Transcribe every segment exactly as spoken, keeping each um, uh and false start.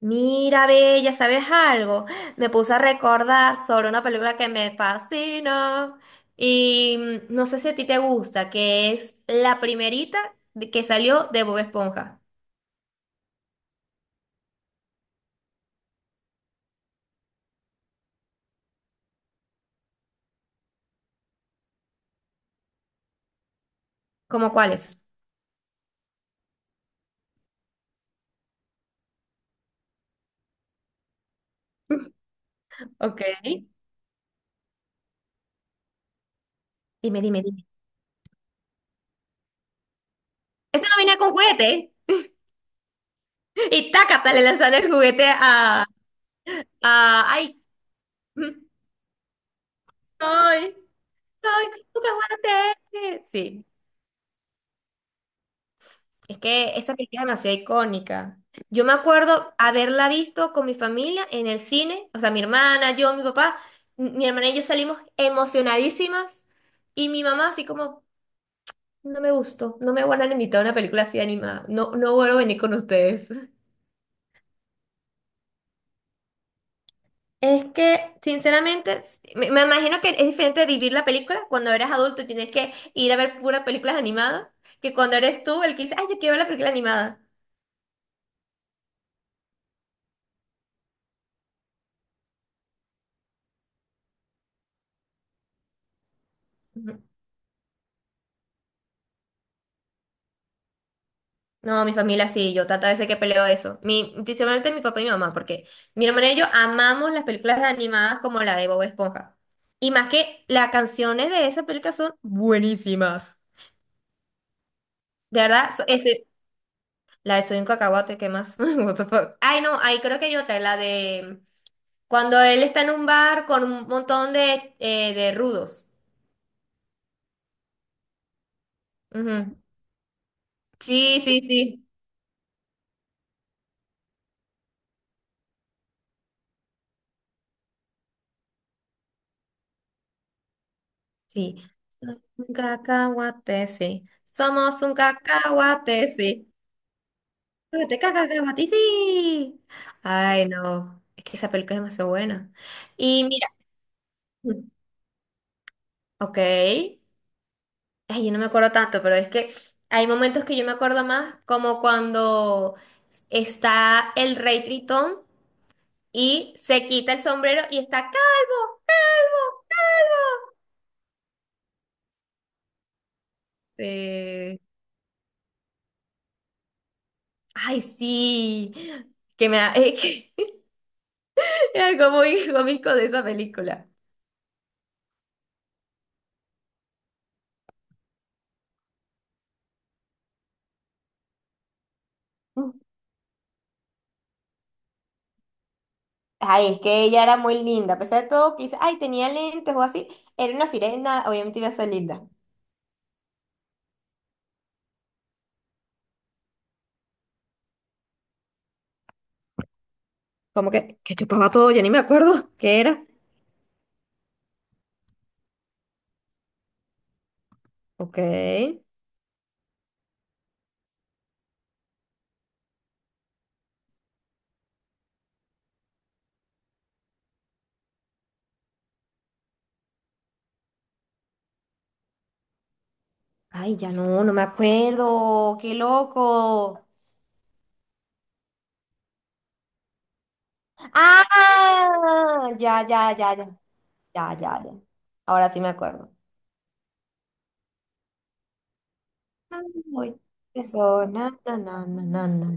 Mira, Bella, ¿sabes algo? Me puse a recordar sobre una película que me fascina y mm, no sé si a ti te gusta, que es la primerita de- que salió de Bob Esponja. ¿Cómo cuál es? Ok. Dime, dime, dime. Esa no venía con juguete y tácata le lanzan el juguete a... a ay, mm, ay, ay, nunca juguete. Sí. Es que esa película es demasiado icónica. Yo me acuerdo haberla visto con mi familia en el cine, o sea, mi hermana, yo, mi papá, m- mi hermana y yo salimos emocionadísimas y mi mamá así como, no me gustó, no me vuelvan a invitar a una película así animada, no, no vuelvo a venir con ustedes. Es que, sinceramente, s- me, me imagino que es diferente de vivir la película cuando eres adulto y tienes que ir a ver puras películas animadas que cuando eres tú el que dice, ay, yo quiero ver la película animada. No, mi familia sí, yo tata veces que peleo eso. Mi, principalmente mi papá y mi mamá, porque mi hermana y yo amamos las películas animadas como la de Bob Esponja. Y más que las canciones de esa película son buenísimas. De verdad, so- ese- la de Soy un cacahuate, ¿qué más? What the fuck? Ay, no, ahí creo que hay otra, la de cuando él está en un bar con un montón de, eh, de rudos. Ujú. Sí, sí, sí. Sí. Soy un cacahuate, sí. Somos un cacahuate, sí. Pero te cagas de ti, sí. Ay, no. Es que esa película es demasiado buena. Y mira, ok. Ay, yo no me acuerdo tanto, pero es que hay momentos que yo me acuerdo más, como cuando está el rey Tritón y se quita el sombrero y está calvo. Sí. Ay, sí. Que me da- es que es algo muy cómico de esa película. Ay, es que ella era muy linda, a pesar de todo, quizás, ay, tenía lentes o así, era una sirena, obviamente iba a ser linda. Como que, que chupaba todo, ya ni me acuerdo qué era. Ok. Ay, ya no, no me acuerdo, qué loco. Ah, ya, ya, ya, ya, ya, ya, ya. Ahora sí me acuerdo. Ay, Persona, na, na, na, na, na, na.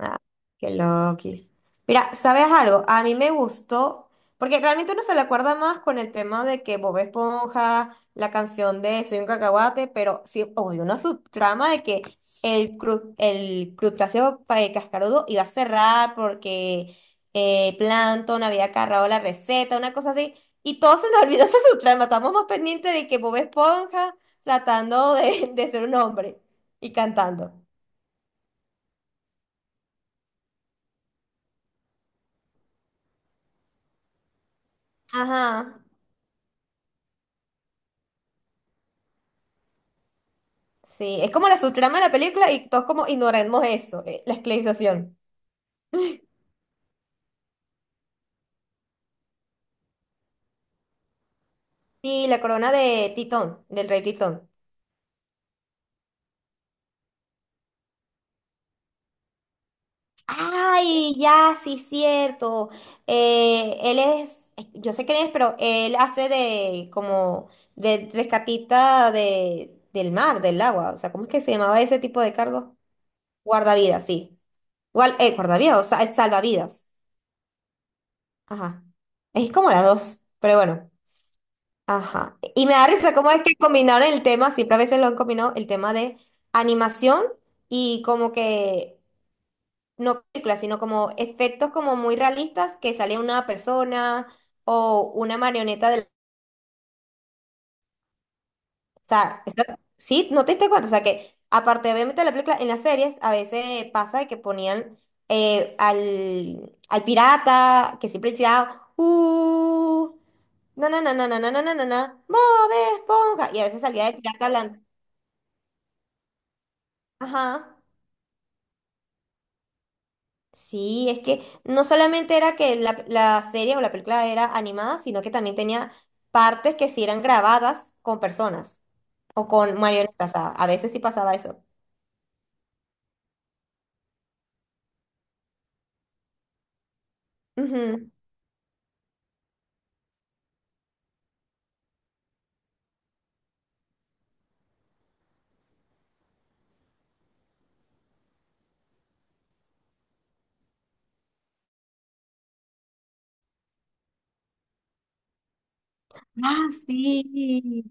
Ah, qué loquis. Mira, ¿sabes algo? A mí me gustó, porque realmente uno se le acuerda más con el tema de que Bob Esponja, la canción de Soy un cacahuate, pero sí, obvio, una subtrama de que el, cru- el crustáceo pa- eh, cascarudo iba a cerrar porque eh, Plankton había cargado la receta, una cosa así, y todos se nos olvidó esa subtrama, estamos más pendientes de que Bob Esponja tratando de, de ser un hombre y cantando. Ajá. Sí, es como la subtrama de la película y todos como ignoremos eso, eh, la esclavización. Y la corona de Titón, del rey Titón. Ay, ya, sí, cierto. Eh, él es, ay, yo sé quién es, pero él hace de como de rescatista de, del mar, del agua. O sea, ¿cómo es que se llamaba ese tipo de cargo? Guardavidas, sí. Guar- eh, guardavidas, o sea, es salvavidas. Ajá. Es como las dos, pero bueno. Ajá. Y me da risa cómo es que combinaron el tema, siempre a veces lo han combinado, el tema de animación y como que, no películas, sino como efectos como muy realistas que sale una persona o una marioneta del... O sea, eso- sí, no te diste cuenta, o sea que aparte obviamente de la película, en las series a veces pasa de que ponían eh, al, al pirata que siempre decía, uh, no, no, no, no, no, no, no, no, no, no, Bob Esponja, y a veces salía el pirata hablando. Ajá. Sí, es que no solamente era que la, la serie o la película era animada, sino que también tenía partes que sí eran grabadas con personas o con marionetas. A, a veces sí pasaba eso. Ujú. Ah, sí.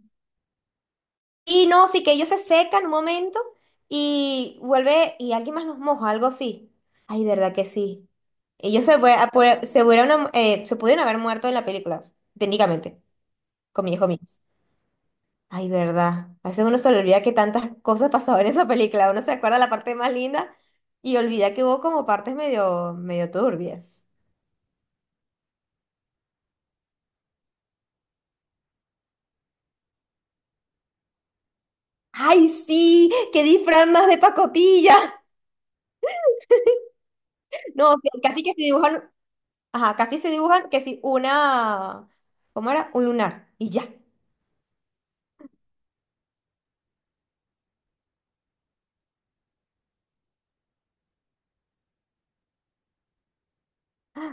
Y no, sí que ellos se secan un momento y vuelve y alguien más los moja, algo así. Ay, ¿verdad que sí? Ellos se, fue- se, pudieron eh, se pudieron haber muerto en la película, técnicamente, con mi hijo mío. Ay, verdad. A veces uno se le olvida que tantas cosas pasaban en esa película. Uno se acuerda la parte más linda y olvida que hubo como partes medio, medio turbias. ¡Ay, sí! ¡Qué disfraz más de pacotilla! No, que- casi que se dibujan, ajá, casi se dibujan que sí, una, ¿cómo era? Un lunar y ya.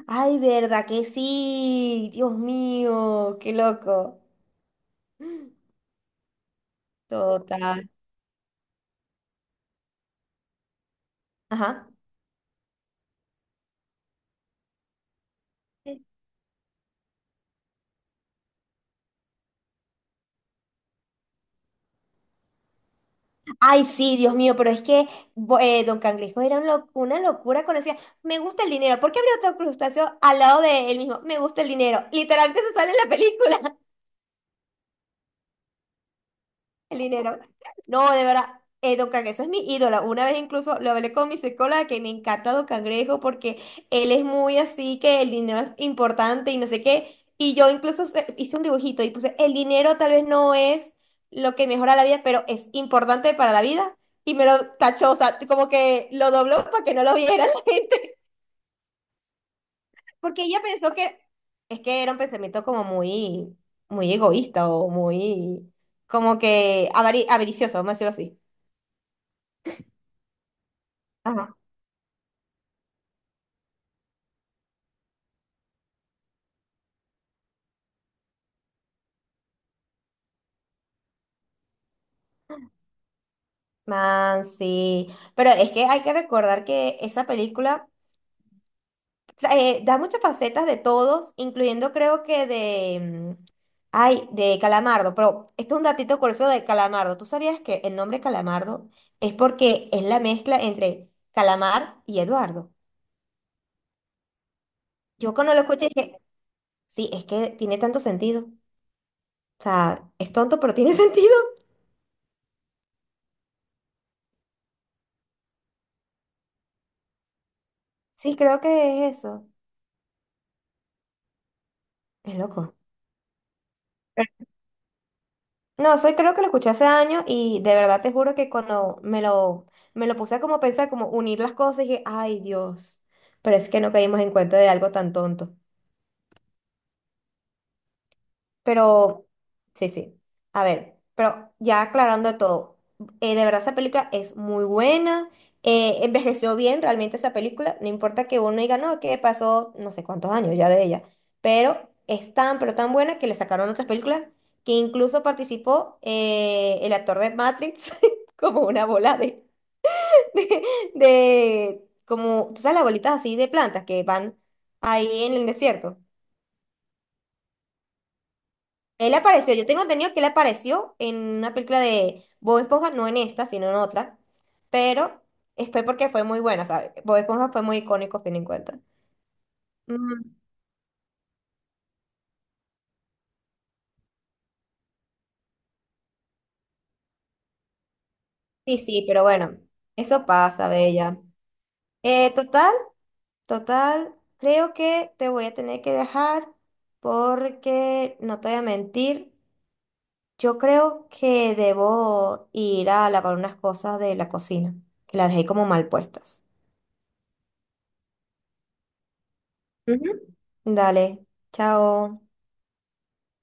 ¡Ay, verdad que sí! Dios mío, qué loco. Total. Ajá. Ay, sí, Dios mío, pero es que bo- eh, Don Cangrejo era un lo- una locura cuando decía, me gusta el dinero. ¿Por qué habría otro crustáceo al lado de él mismo? Me gusta el dinero. Literalmente se sale en la película. El dinero. No, de verdad, eh, Don Cangrejo es mi ídolo. Una vez incluso lo hablé con mi psicóloga que me encanta Don Cangrejo porque él es muy así que el dinero es importante y no sé qué. Y yo incluso se- hice un dibujito y puse, el dinero tal vez no es lo que mejora la vida, pero es importante para la vida. Y me lo tachó, o sea, como que lo dobló para que no lo viera la gente. Porque ella pensó que, es que era un pensamiento como muy, muy egoísta o muy, como que avari- avaricioso, vamos a decirlo así. Ajá. Man, sí. Pero es que hay que recordar que esa película eh, da muchas facetas de todos, incluyendo creo que de... mm, ay, de Calamardo. Pero esto es un datito curioso de Calamardo. ¿Tú sabías que el nombre Calamardo es porque es la mezcla entre Calamar y Eduardo? Yo cuando lo escuché dije, sí, es que tiene tanto sentido. O sea, es tonto, pero tiene sentido. Sí, creo que es eso. Es loco. No, soy creo que lo escuché hace años y de verdad te juro que cuando me lo, me lo puse a como pensar, como unir las cosas, dije, ay Dios, pero es que no caímos en cuenta de algo tan tonto. Pero, sí, sí. A ver, pero ya aclarando todo, eh, de verdad esa película es muy buena, eh, envejeció bien realmente esa película, no importa que uno diga, no, que pasó no sé cuántos años ya de ella, pero es tan, pero tan buena que le sacaron otras películas que incluso participó eh, el actor de Matrix como una bola de, de, de- como, tú sabes, las bolitas así de plantas que van ahí en el desierto. Él apareció, yo tengo entendido que él apareció en una película de Bob Esponja, no en esta, sino en otra, pero es- fue porque fue muy buena, ¿sabes? Bob Esponja fue muy icónico, a fin en cuenta. Mm, sí, sí, pero bueno, eso pasa, Bella. Eh, total, total, creo que te voy a tener que dejar porque, no te voy a mentir, yo creo que debo ir a lavar unas cosas de la cocina, que las dejé como mal puestas. Ujú. Dale, chao.